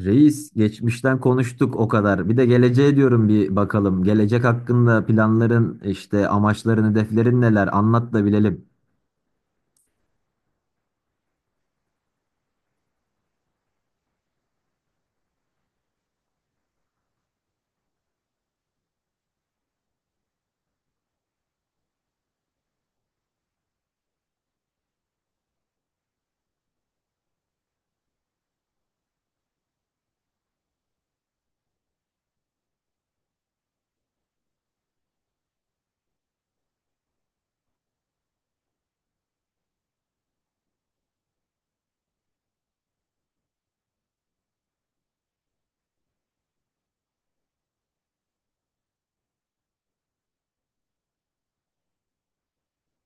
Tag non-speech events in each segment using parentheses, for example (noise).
Reis, geçmişten konuştuk o kadar. Bir de geleceğe diyorum bir bakalım. Gelecek hakkında planların, işte amaçların, hedeflerin neler? Anlat da bilelim.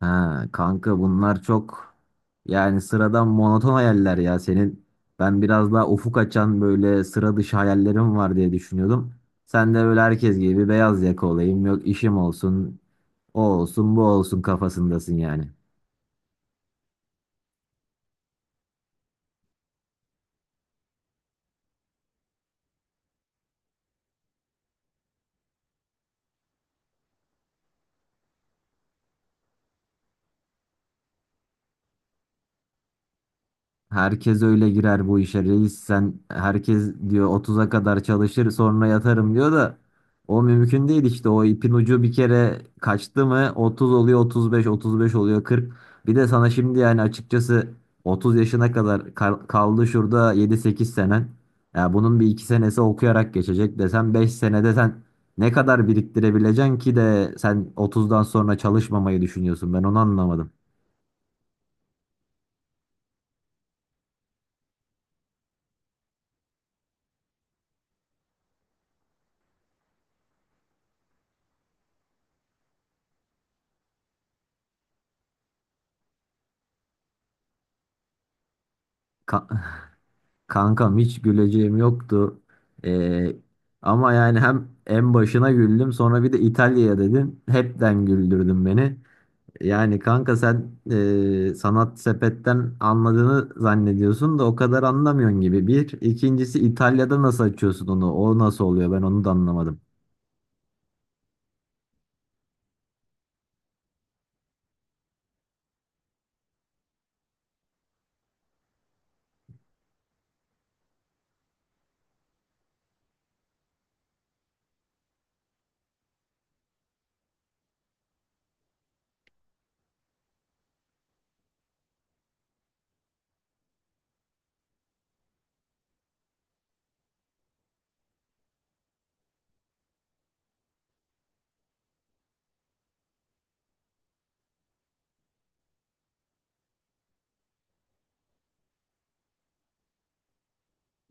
Ha kanka, bunlar çok yani sıradan monoton hayaller ya senin. Ben biraz daha ufuk açan böyle sıra dışı hayallerim var diye düşünüyordum. Sen de böyle herkes gibi beyaz yaka olayım, yok işim olsun, o olsun, bu olsun kafasındasın yani. Herkes öyle girer bu işe reis, sen herkes diyor otuz'a kadar çalışır sonra yatarım diyor da o mümkün değil işte. O ipin ucu bir kere kaçtı mı otuz oluyor otuz beş, otuz beş oluyor 40. Bir de sana şimdi yani açıkçası 30 yaşına kadar kaldı şurada yedi sekiz senen. Ya bunun bir iki senesi okuyarak geçecek desem 5 senede sen ne kadar biriktirebileceksin ki de sen otuzdan sonra çalışmamayı düşünüyorsun, ben onu anlamadım. Kankam hiç güleceğim yoktu. Ee, Ama yani hem en başına güldüm, sonra bir de İtalya'ya dedin. Hepten güldürdün beni. Yani kanka sen sanat sepetten anladığını zannediyorsun da o kadar anlamıyorsun gibi. Bir. İkincisi, İtalya'da nasıl açıyorsun onu? O nasıl oluyor? Ben onu da anlamadım.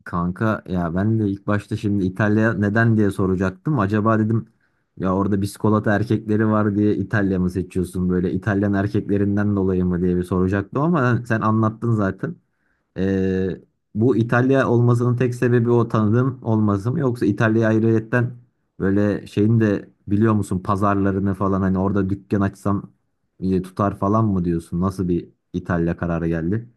Kanka ya, ben de ilk başta şimdi İtalya neden diye soracaktım. Acaba dedim ya orada biskolata erkekleri var diye İtalya mı seçiyorsun, böyle İtalyan erkeklerinden dolayı mı diye bir soracaktım ama sen anlattın zaten. Ee, Bu İtalya olmasının tek sebebi o tanıdığım olması mı, yoksa İtalya'ya ayrıyetten böyle şeyin de biliyor musun pazarlarını falan, hani orada dükkan açsam iyi tutar falan mı diyorsun? Nasıl bir İtalya kararı geldi?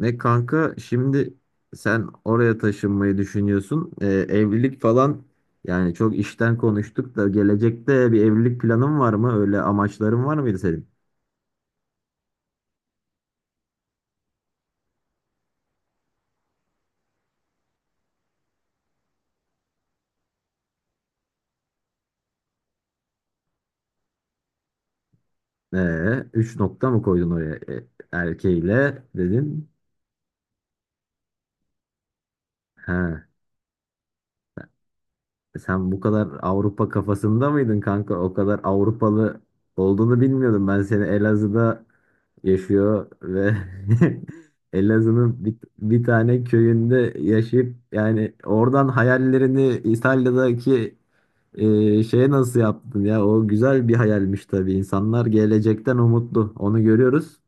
Ne kanka şimdi, sen oraya taşınmayı düşünüyorsun. Evlilik falan, yani çok işten konuştuk da gelecekte bir evlilik planın var mı? Öyle amaçların var mıydı senin? Üç nokta mı koydun oraya? Erkeğiyle dedin. Ha, sen bu kadar Avrupa kafasında mıydın kanka? O kadar Avrupalı olduğunu bilmiyordum. Ben seni Elazığ'da yaşıyor ve (laughs) Elazığ'ın bir tane köyünde yaşayıp yani oradan hayallerini İtalya'daki şeye nasıl yaptın ya? O güzel bir hayalmiş tabii. İnsanlar gelecekten umutlu, onu görüyoruz.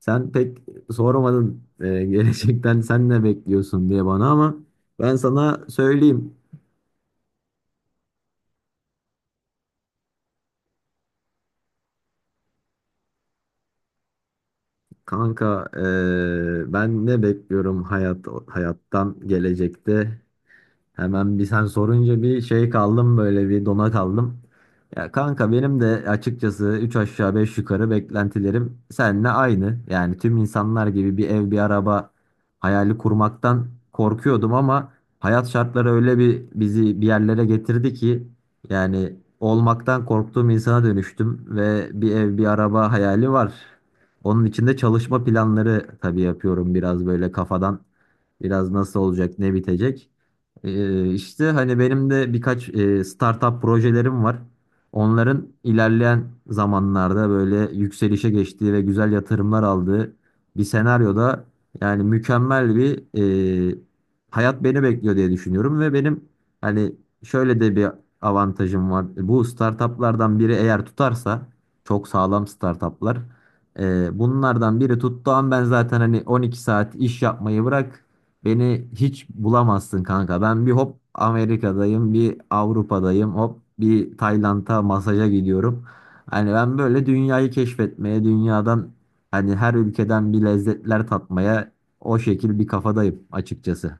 Sen pek sormadın (laughs) gelecekten sen ne bekliyorsun diye bana, ama ben sana söyleyeyim. Kanka ben ne bekliyorum hayattan gelecekte? Hemen bir sen sorunca bir şey kaldım, böyle bir dona kaldım. Ya kanka benim de açıkçası 3 aşağı 5 yukarı beklentilerim seninle aynı. Yani tüm insanlar gibi bir ev bir araba hayali kurmaktan korkuyordum ama hayat şartları öyle bir bizi bir yerlere getirdi ki yani olmaktan korktuğum insana dönüştüm ve bir ev bir araba hayali var. Onun için de çalışma planları tabii yapıyorum, biraz böyle kafadan, biraz nasıl olacak ne bitecek. İşte hani benim de birkaç startup projelerim var. Onların ilerleyen zamanlarda böyle yükselişe geçtiği ve güzel yatırımlar aldığı bir senaryoda yani mükemmel bir e, hayat beni bekliyor diye düşünüyorum ve benim hani şöyle de bir avantajım var. Bu startuplardan biri eğer tutarsa, çok sağlam startuplar. Bunlardan biri tuttuğum ben zaten hani 12 saat iş yapmayı bırak, beni hiç bulamazsın kanka. Ben bir hop Amerika'dayım, bir Avrupa'dayım, hop bir Tayland'a masaja gidiyorum. Hani ben böyle dünyayı keşfetmeye, dünyadan hani her ülkeden bir lezzetler tatmaya, o şekil bir kafadayım açıkçası.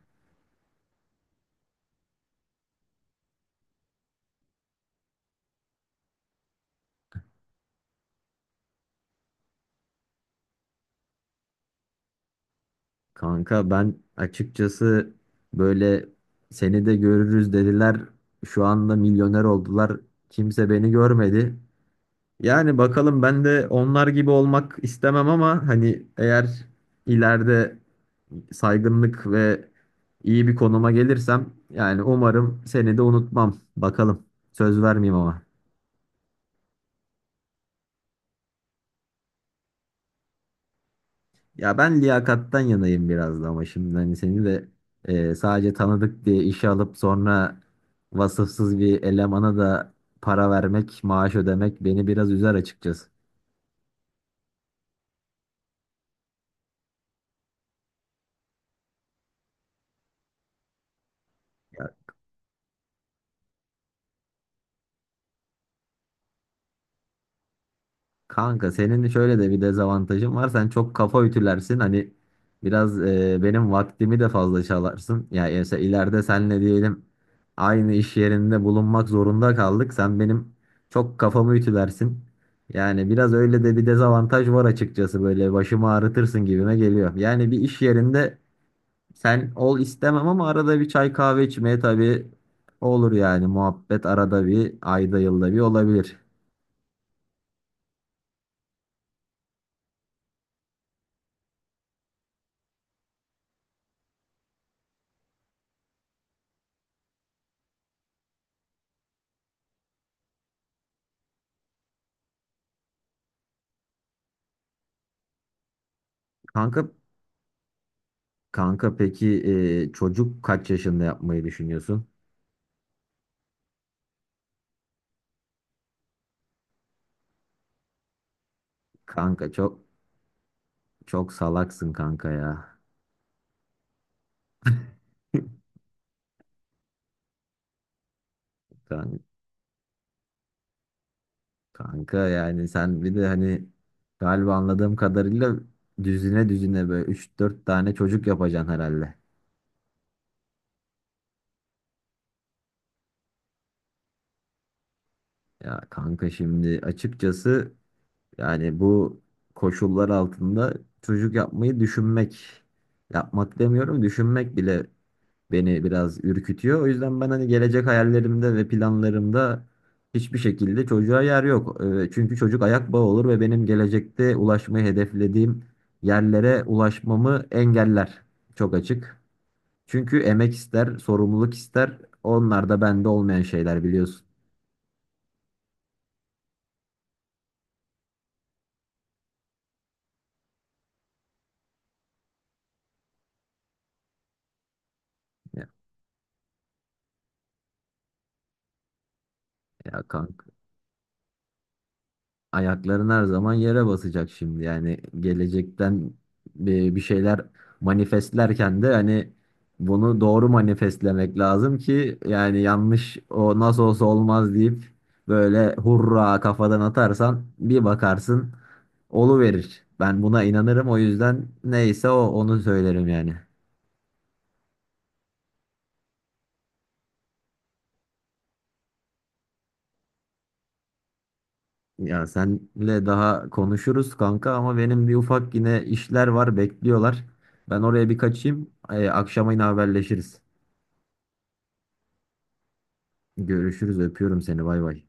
Kanka ben açıkçası böyle seni de görürüz dediler. Şu anda milyoner oldular, kimse beni görmedi. Yani bakalım, ben de onlar gibi olmak istemem ama hani eğer ileride saygınlık ve iyi bir konuma gelirsem yani umarım seni de unutmam. Bakalım, söz vermeyeyim ama. Ya ben liyakattan yanayım biraz da, ama şimdi hani seni de sadece tanıdık diye işe alıp sonra vasıfsız bir elemana da para vermek, maaş ödemek beni biraz üzer açıkçası. Kanka senin şöyle de bir dezavantajın var. Sen çok kafa ütülersin. Hani biraz benim vaktimi de fazla çalarsın. Ya yani mesela ileride senle diyelim aynı iş yerinde bulunmak zorunda kaldık, sen benim çok kafamı ütülersin. Yani biraz öyle de bir dezavantaj var açıkçası. Böyle başımı ağrıtırsın gibime geliyor. Yani bir iş yerinde sen ol istemem, ama arada bir çay kahve içmeye tabii olur yani. Muhabbet arada bir, ayda yılda bir olabilir. Kanka Kanka peki, çocuk kaç yaşında yapmayı düşünüyorsun? Kanka çok Çok salaksın kanka ya. Kan- Kanka yani sen bir de hani galiba anladığım kadarıyla düzine düzine böyle üç dört tane çocuk yapacaksın herhalde. Ya kanka şimdi açıkçası yani bu koşullar altında çocuk yapmayı düşünmek, yapmak demiyorum düşünmek bile beni biraz ürkütüyor. O yüzden ben hani gelecek hayallerimde ve planlarımda hiçbir şekilde çocuğa yer yok. Çünkü çocuk ayak bağı olur ve benim gelecekte ulaşmayı hedeflediğim yerlere ulaşmamı engeller. Çok açık. Çünkü emek ister, sorumluluk ister. Onlar da bende olmayan şeyler, biliyorsun. Ya, ya kanka. Ayakların her zaman yere basacak şimdi. Yani gelecekten bir şeyler manifestlerken de hani bunu doğru manifestlemek lazım ki, yani yanlış o nasıl olsa olmaz deyip böyle hurra kafadan atarsan bir bakarsın verir. Ben buna inanırım, o yüzden neyse o, onu söylerim yani. Ya senle daha konuşuruz kanka, ama benim bir ufak yine işler var bekliyorlar. Ben oraya bir kaçayım. Akşama yine haberleşiriz. Görüşürüz. Öpüyorum seni. Bay bay.